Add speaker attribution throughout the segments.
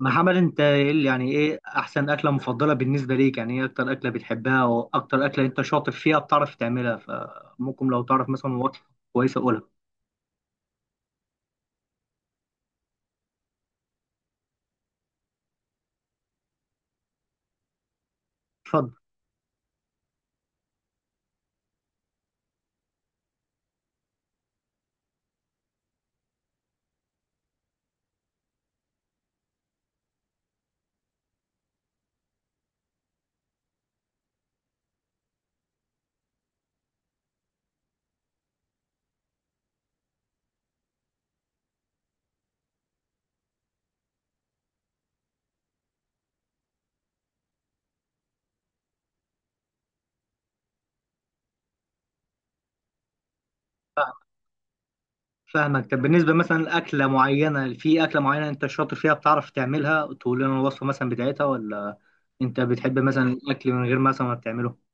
Speaker 1: محمد، انت يعني ايه احسن اكله مفضله بالنسبه ليك؟ يعني ايه اكتر اكله بتحبها واكتر اكله انت شاطر فيها بتعرف تعملها؟ فممكن لو تعرف مثلا وصفه كويسه قولها. اتفضل. فاهم- فاهمك. طب بالنسبه مثلا لاكله معينه، في اكله معينه انت شاطر فيها بتعرف تعملها تقول لنا الوصفه مثلا بتاعتها؟ ولا انت بتحب مثلا الاكل من غير مثلا ما بتعمله؟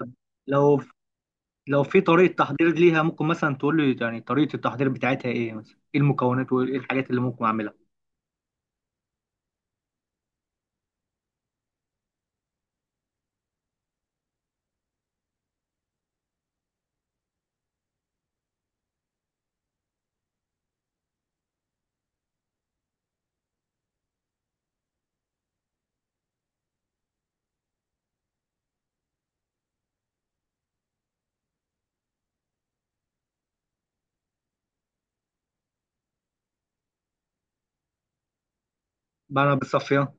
Speaker 1: طب لو لو في طريقه تحضير ليها، ممكن مثلا تقول لي يعني طريقه التحضير بتاعتها ايه؟ مثلا ايه المكونات وايه الحاجات اللي ممكن اعملها؟ بعملها بالصفيه.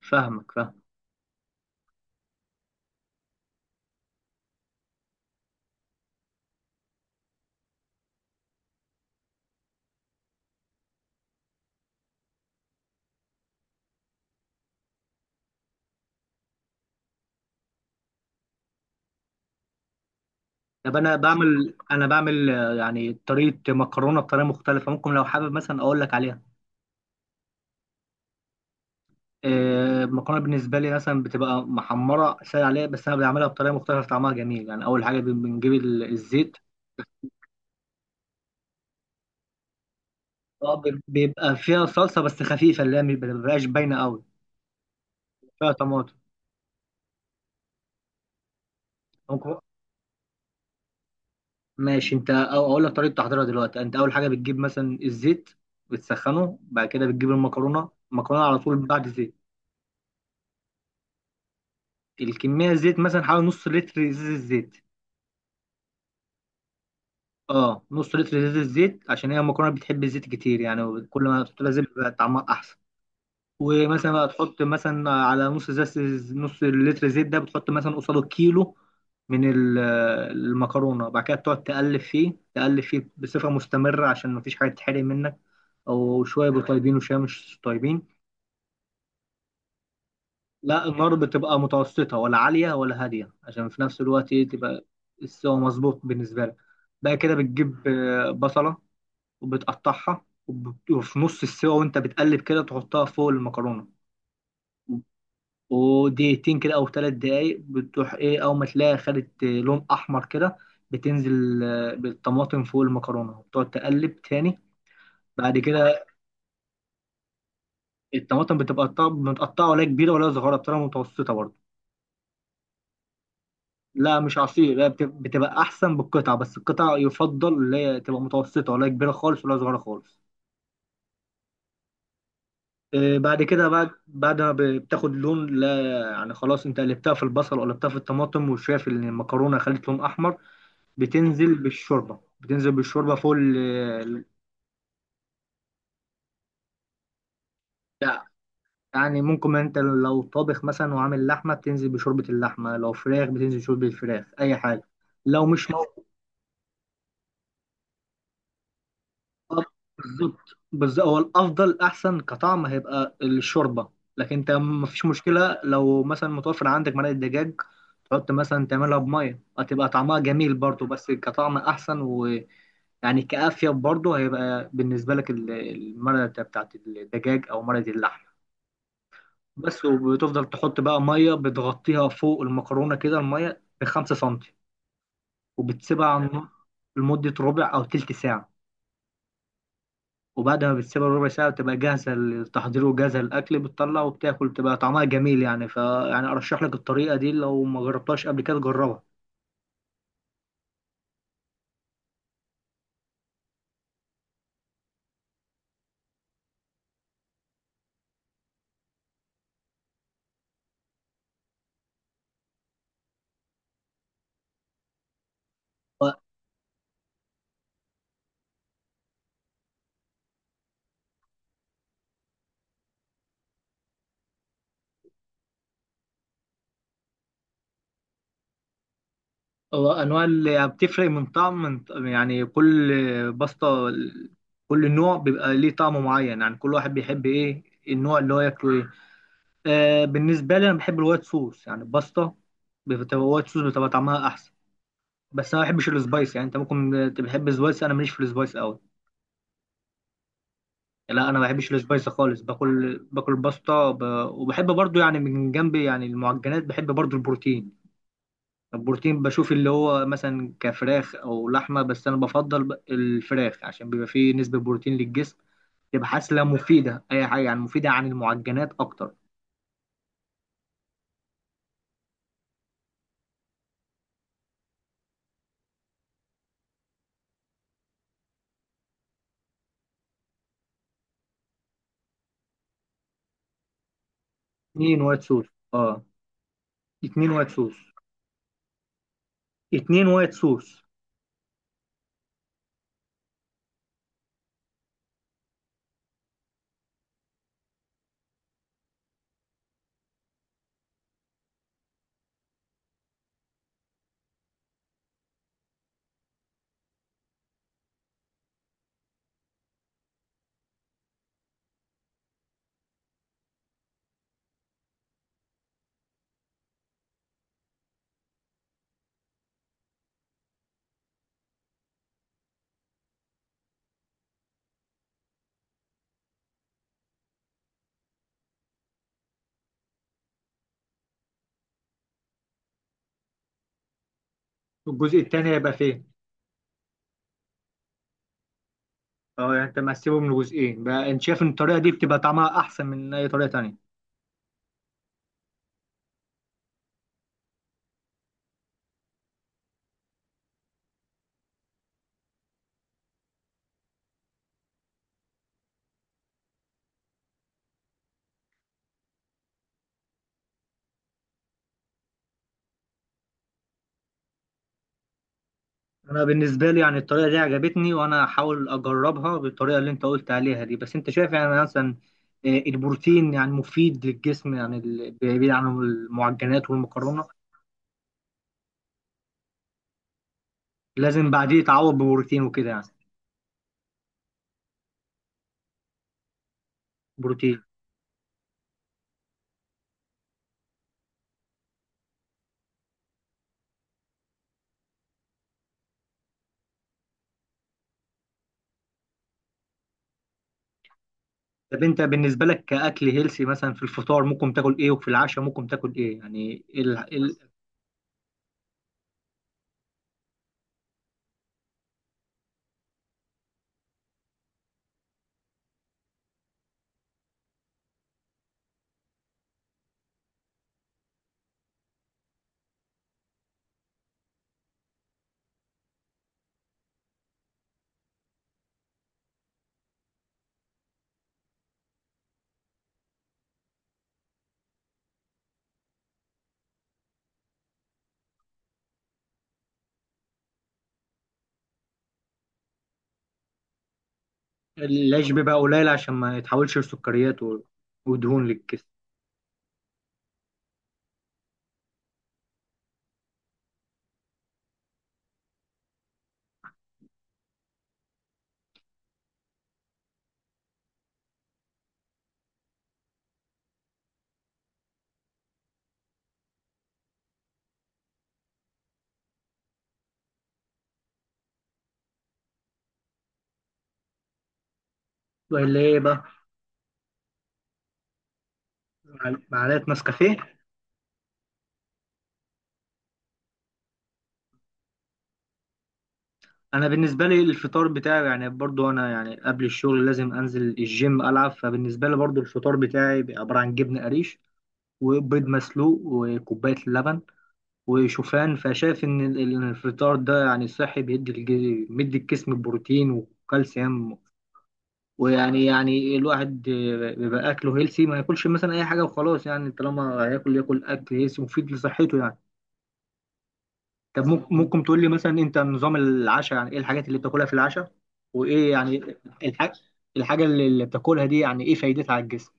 Speaker 1: فاهمك، فاهمك. طب انا بعمل، يعني طريقه مكرونه بطريقه مختلفه، ممكن لو حابب مثلا اقول لك عليها. المكرونه بالنسبه لي مثلا بتبقى محمره سهل عليها، بس انا بعملها بطريقه مختلفه طعمها جميل. يعني اول حاجه بنجيب الزيت. بيبقى فيها صلصه بس خفيفه اللي هي ما بتبقاش باينه قوي، فيها طماطم. ممكن. ماشي، اقول لك طريقه تحضيرها دلوقتي. انت اول حاجه بتجيب مثلا الزيت بتسخنه، بعد كده بتجيب المكرونه، على طول بعد زيت. الكميه الزيت مثلا حوالي نص لتر ازازه زيت. اه، نص لتر زيت، الزيت عشان هي المكرونه بتحب الزيت كتير، يعني كل ما تحط لها زيت بيبقى طعمها احسن. ومثلا بقى تحط مثلا على نص زيت، نص لتر زيت ده بتحط مثلا قصاده كيلو من المكرونه. بعد كده تقعد تقلب فيه تقلب فيه بصفه مستمره عشان مفيش حاجه تتحرق منك، او شويه بيبقوا طيبين وشويه مش طيبين. لا، النار بتبقى متوسطه، ولا عاليه ولا هاديه، عشان في نفس الوقت تبقى السوا مظبوط بالنسبه لك. بقى كده بتجيب بصله وبتقطعها، وفي نص السوا وانت بتقلب كده تحطها فوق المكرونة. ودقيقتين كده او 3 دقايق بتروح ايه اول ما تلاقيها خدت لون احمر كده، بتنزل بالطماطم فوق المكرونة وبتقعد تقلب تاني. بعد كده الطماطم متقطعة، ولا كبيرة ولا صغيرة، بتبقى متوسطة برضه. لا مش عصير، لا بتبقى أحسن بالقطعة، بس القطعة يفضل اللي هي تبقى متوسطة، ولا كبيرة خالص ولا صغيرة خالص. بعد كده بعد ما بتاخد لون، لا يعني خلاص انت قلبتها في البصل وقلبتها في الطماطم وشايف ان المكرونه خلت لون احمر، بتنزل بالشوربه، لا يعني ممكن انت لو طابخ مثلا وعامل لحمه بتنزل بشوربه اللحمه، لو فراخ بتنزل بشوربه الفراخ، اي حاجه. لو مش آه، بالظبط. بس هو الافضل احسن كطعم هيبقى الشوربه، لكن انت مفيش مشكله لو مثلا متوفر عندك مرقه دجاج تحط مثلا تعملها بميه هتبقى طعمها جميل برضو، بس كطعم احسن ويعني كافيه برضو هيبقى بالنسبه لك المرقه بتاعت الدجاج او مرقه اللحم بس. وبتفضل تحط بقى ميه بتغطيها فوق المكرونه كده، الميه ب5 سنتي، وبتسيبها على النار لمده ربع او تلت ساعه. وبعد ما بتسيبها ربع ساعة بتبقى جاهزة للتحضير وجاهزة للأكل، بتطلع وبتاكل بتبقى طعمها جميل يعني ف، يعني أرشح لك الطريقة دي، لو ما جربتهاش قبل كده جربها. و- وأنواع اللي بتفرق من طعم، من يعني كل بسطة، كل نوع بيبقى ليه طعم معين، يعني كل واحد بيحب إيه النوع اللي هو ياكله إيه. آه، بالنسبة لي أنا بحب الوايت صوص، يعني البسطة بتبقى وايت صوص بتبقى طعمها أحسن. بس أنا ما بحبش السبايس، يعني أنت ممكن تبقى تحب السبايس، أنا ماليش في السبايس أوي. لا انا ما بحبش السبايسي خالص، باكل باستا وبحب برضو يعني من جنب يعني المعجنات بحب برضو البروتين. البروتين بشوف اللي هو مثلا كفراخ او لحمه، بس انا بفضل الفراخ عشان بيبقى فيه نسبه بروتين للجسم، تبقى حاسه مفيده، اي حاجه يعني مفيده عن المعجنات اكتر. 2 وايت صوص. اه. 2 وايت صوص. 2 وايت صوص. الجزء التاني هيبقى فين؟ اه يعني انت مقسمهم لجزئين بقى؟ انت شايف ان الطريقه دي بتبقى طعمها احسن من اي طريقه تانية؟ انا بالنسبه لي يعني الطريقه دي عجبتني، وانا هحاول اجربها بالطريقه اللي انت قلت عليها دي. بس انت شايف يعني مثلا البروتين يعني مفيد للجسم يعني، بعيد عن المعجنات والمكرونه، لازم بعديه يتعوض ببروتين وكده يعني. بروتين. طب انت بالنسبه لك كاكل هيلسي مثلا، في الفطار ممكن تاكل ايه، وفي العشاء ممكن تاكل ايه؟ يعني العيش بيبقى قليل عشان ما يتحولش لسكريات ودهون للجسم. ولا ايه بقى؟ معلقه نسكافيه؟ انا بالنسبه لي الفطار بتاعي يعني برضو انا يعني قبل الشغل لازم انزل الجيم العب، فبالنسبه لي برضو الفطار بتاعي بيبقى عباره عن جبنه قريش وبيض مسلوق وكوبايه لبن وشوفان. فشايف ان الفطار ده يعني صحي، بيدي الجسم بروتين وكالسيوم، ويعني الواحد بيبقى اكله هيلسي، ما ياكلش مثلا اي حاجه وخلاص، يعني طالما هياكل ياكل اكل هيلسي مفيد لصحته يعني. طب ممكن، تقول لي مثلا انت نظام العشاء، يعني ايه الحاجات اللي بتاكلها في العشاء؟ وايه يعني الحاجه الحاجه اللي بتاكلها دي يعني ايه فايدتها على الجسم؟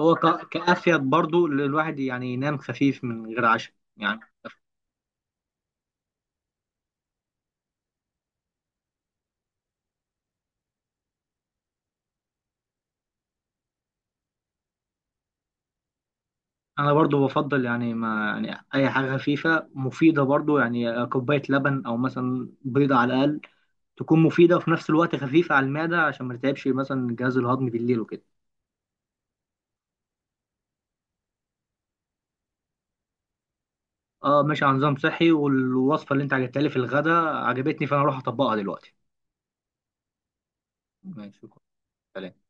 Speaker 1: هو كافيد برضو للواحد يعني ينام خفيف من غير عشاء يعني؟ انا برضو بفضل يعني ما يعني اي حاجه خفيفه مفيده برضو، يعني كوبايه لبن او مثلا بيضه على الاقل تكون مفيده وفي نفس الوقت خفيفه على المعده عشان ما تتعبش مثلا الجهاز الهضمي بالليل وكده. اه ماشي على نظام صحي، والوصفه اللي انت عجبتها لي في الغداء عجبتني، فانا اروح اطبقها دلوقتي. ماشي شكرا. سلام.